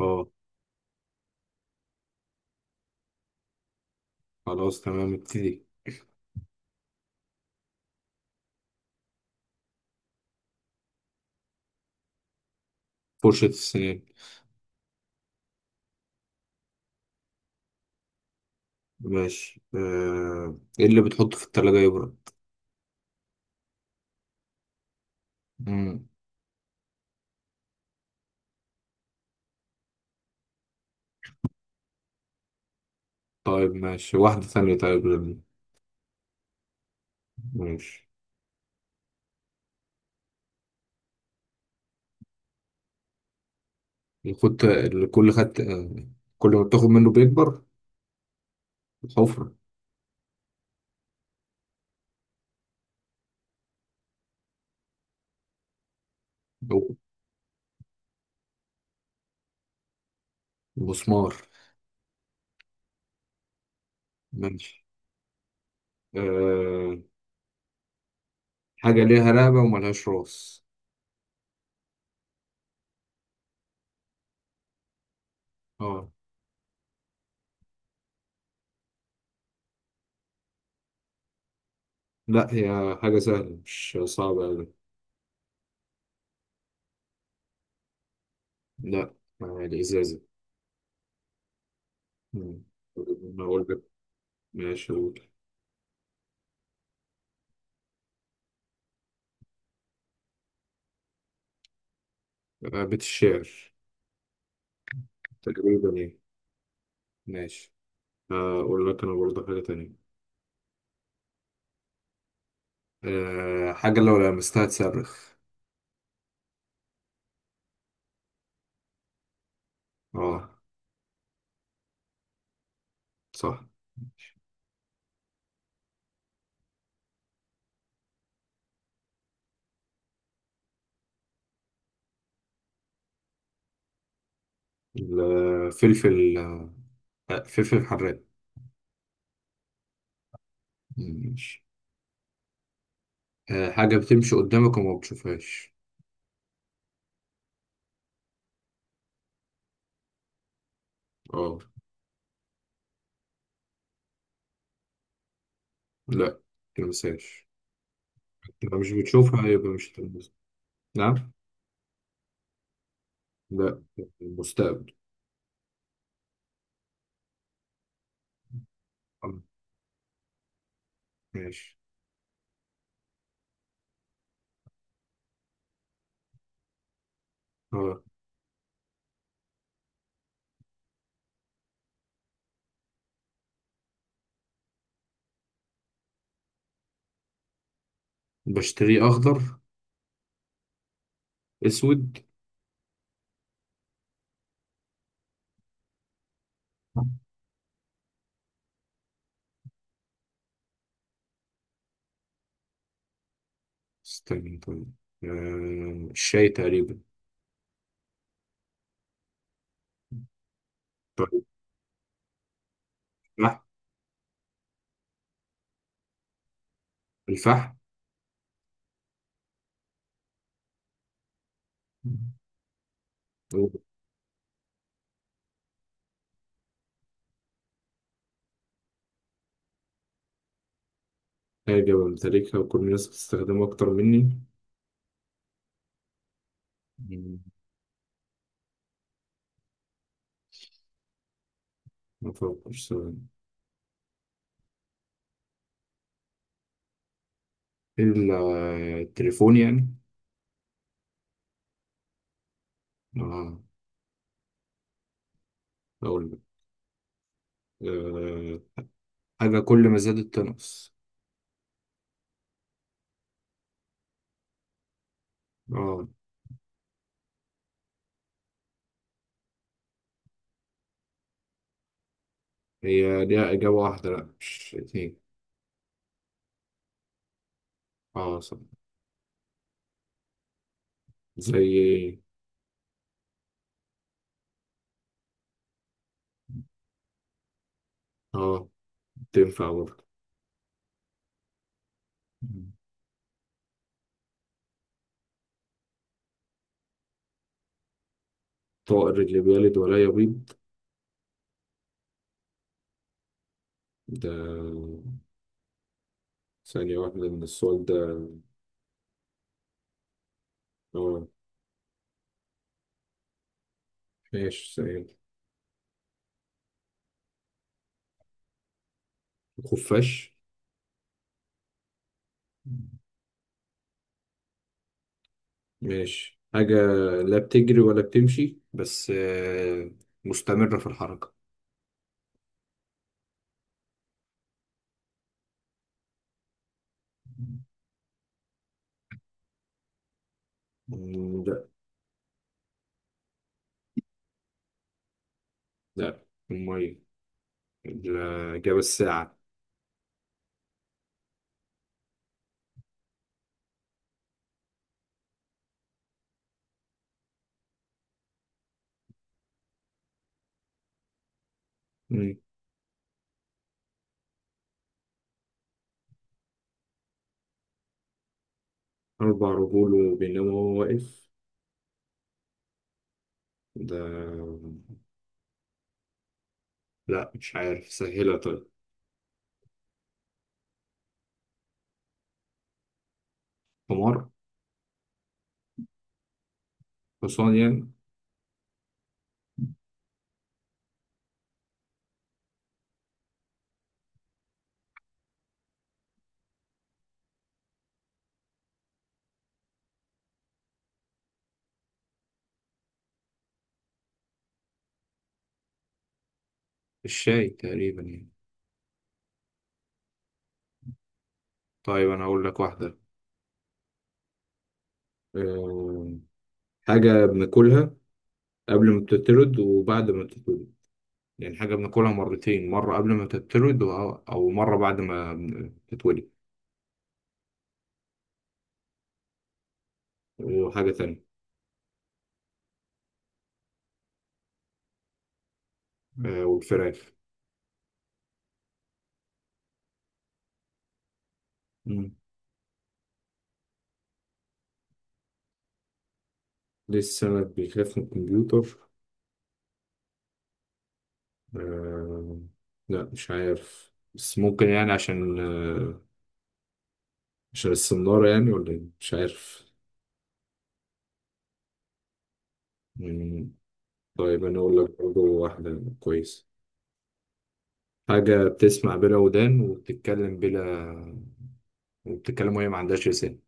اه. خلاص تمام، ابتدي. فرشة السنان. ماشي. ايه اللي بتحطه في التلاجة يبرد؟ مم. طيب ماشي، واحدة ثانية. طيب ماشي. الخط اللي كل خدت آه، كل ما بتاخد منه بيكبر. الحفرة. أو المسمار. ماشي. أه... حاجة ليها رقبة وملهاش راس. اه. لا، هي حاجة سهلة، مش صعبة أوي. لا. الإزازة. مم. أنا أقول لك. ماشي، أقول. بيت الشعر تقريبا، إيه. ماشي. هقول لك انا برضه حاجة تانية. حاجة لو لمستها تصرخ. اه، صح. الفلفل. فلفل حراق. ماشي. حاجة بتمشي قدامك وما بتشوفهاش. اه. لا، تلمسهاش. لو مش بتشوفها يبقى مش تلمسها. نعم. لا، المستقبل. آه، ماشي. اه، بشتريه أخضر. أسود. استنى طيب. الشاي تقريبا. طيب، الفحم. الفحم. حاجة بمتلكها وكل الناس بتستخدمها أكتر مني. مم، ما أفكرش ثواني. إلا التليفون يعني. آه. أقول لك. آه حاجة كل ما زادت تنقص. آه. هي ليها إجابة واحدة، لأ مش اتنين. آه، صح. زي إيه؟ آه، تنفع برضه. مم. طائر اللي بيلد ولا يبيض؟ ده ثانية واحدة من السؤال ده. آه. ماشي، ثانية. الخفاش. ماشي. حاجة لا بتجري ولا بتمشي، بس مستمرة في الحركة. مم، لا. لا، المية. الإجابة الساعة. مم، 4 رجول وبينما هو واقف، ده. لا، مش عارف. سهلة طيب. حمار. حصان يعني. الشاي تقريبا يعني. طيب، أنا هقول لك واحدة. آه، حاجة بناكلها قبل ما بتترد وبعد ما بتترد. لأن حاجة بناكلها مرتين، مرة قبل ما تتولد أو مرة بعد ما تتولد. وحاجة تانية. والفراخ. مم. ليه السمك بيخاف من الكمبيوتر؟ آه، لا مش عارف، بس ممكن يعني عشان عشان السنارة يعني، ولا إيه؟ مش عارف. مم. طيب، أنا أقول لك برضه واحدة كويسة. حاجة بتسمع بلا ودان وبتتكلم بلا، وبتتكلم وهي ما عندهاش لسان.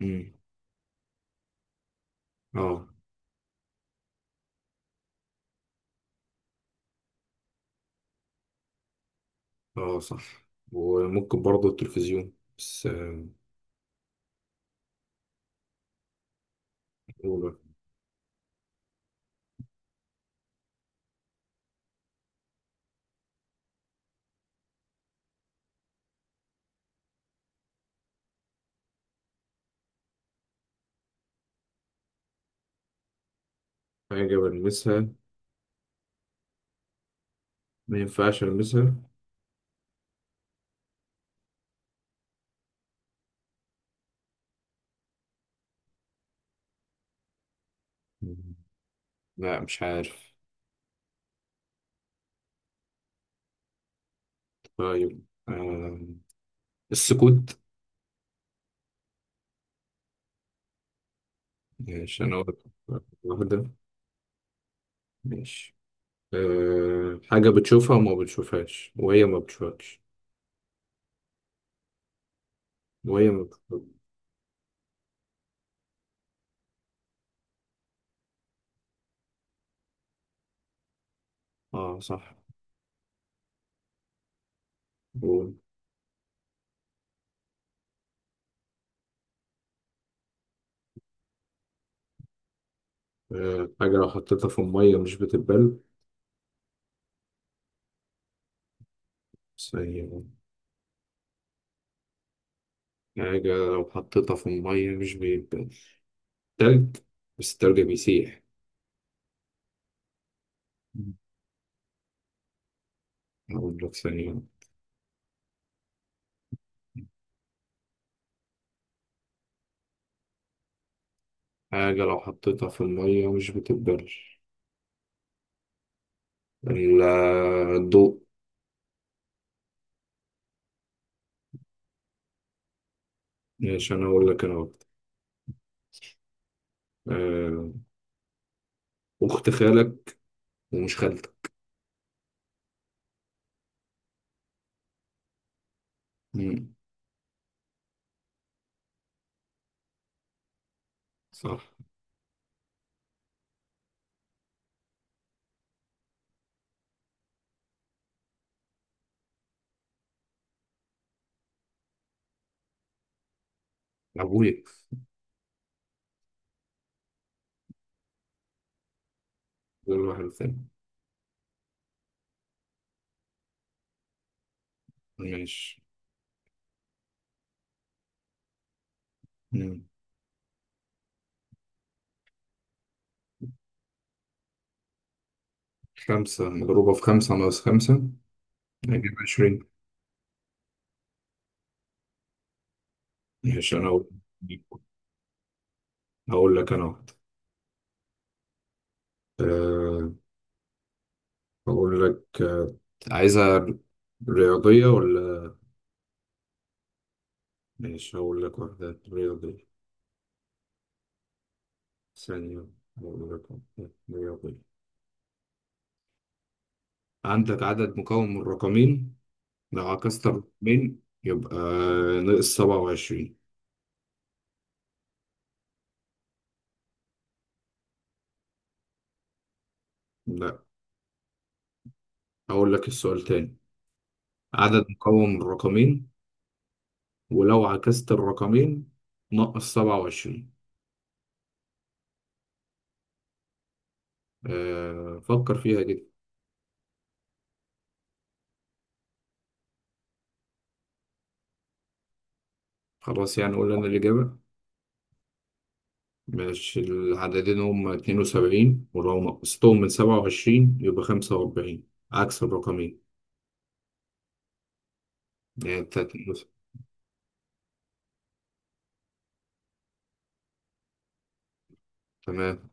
مم. اه، اه، صح. وممكن برضه التلفزيون، بس أولى. حاجة بلمسها، ما ينفعش ألمسها. مم. لا، مش عارف. طيب السكوت. ماشي، أنا واخد. واحدة ماشي. حاجة بتشوفها وما بتشوفهاش، وهي ما بتشوفكش. وهي ما بتشوفك. اه، صح. قول. حاجة لو حطيتها في المية مش بتتبل. بس هي حاجة لو حطيتها في المية مش بيتبل. تلج. بس التلج بيسيح. أقول لك ثانية. حاجة لو حطيتها في المية مش بتتبل. ال- الضوء. ماشي، أنا أقول لك أنا وقت. أه أخت خالك ومش خالتك. مم. صح. أبويا. غير واحد تاني. ماشي. مم. خمسة مضروبة في خمسة ناقص خمسة، هجيب 20. ماشي، أنا أقول لك أنا وقت. أه أقول لك. عايزها رياضية ولا؟ ماشي، هقول لك واحدة رياضية. ثانية. وأقول لك أهو. رياضية. عندك عدد مكون من رقمين، لو عكست الرقمين يبقى ناقص 27. لا، أقول لك السؤال تاني. عدد مكون من رقمين، ولو عكست الرقمين ناقص 27. فكر فيها كده. خلاص يعني، قول لنا الإجابة. ماشي. العددين هما 72، ولو نقصتهم من 27 يبقى 45، عكس الرقمين. يعني تلاتة. تمام.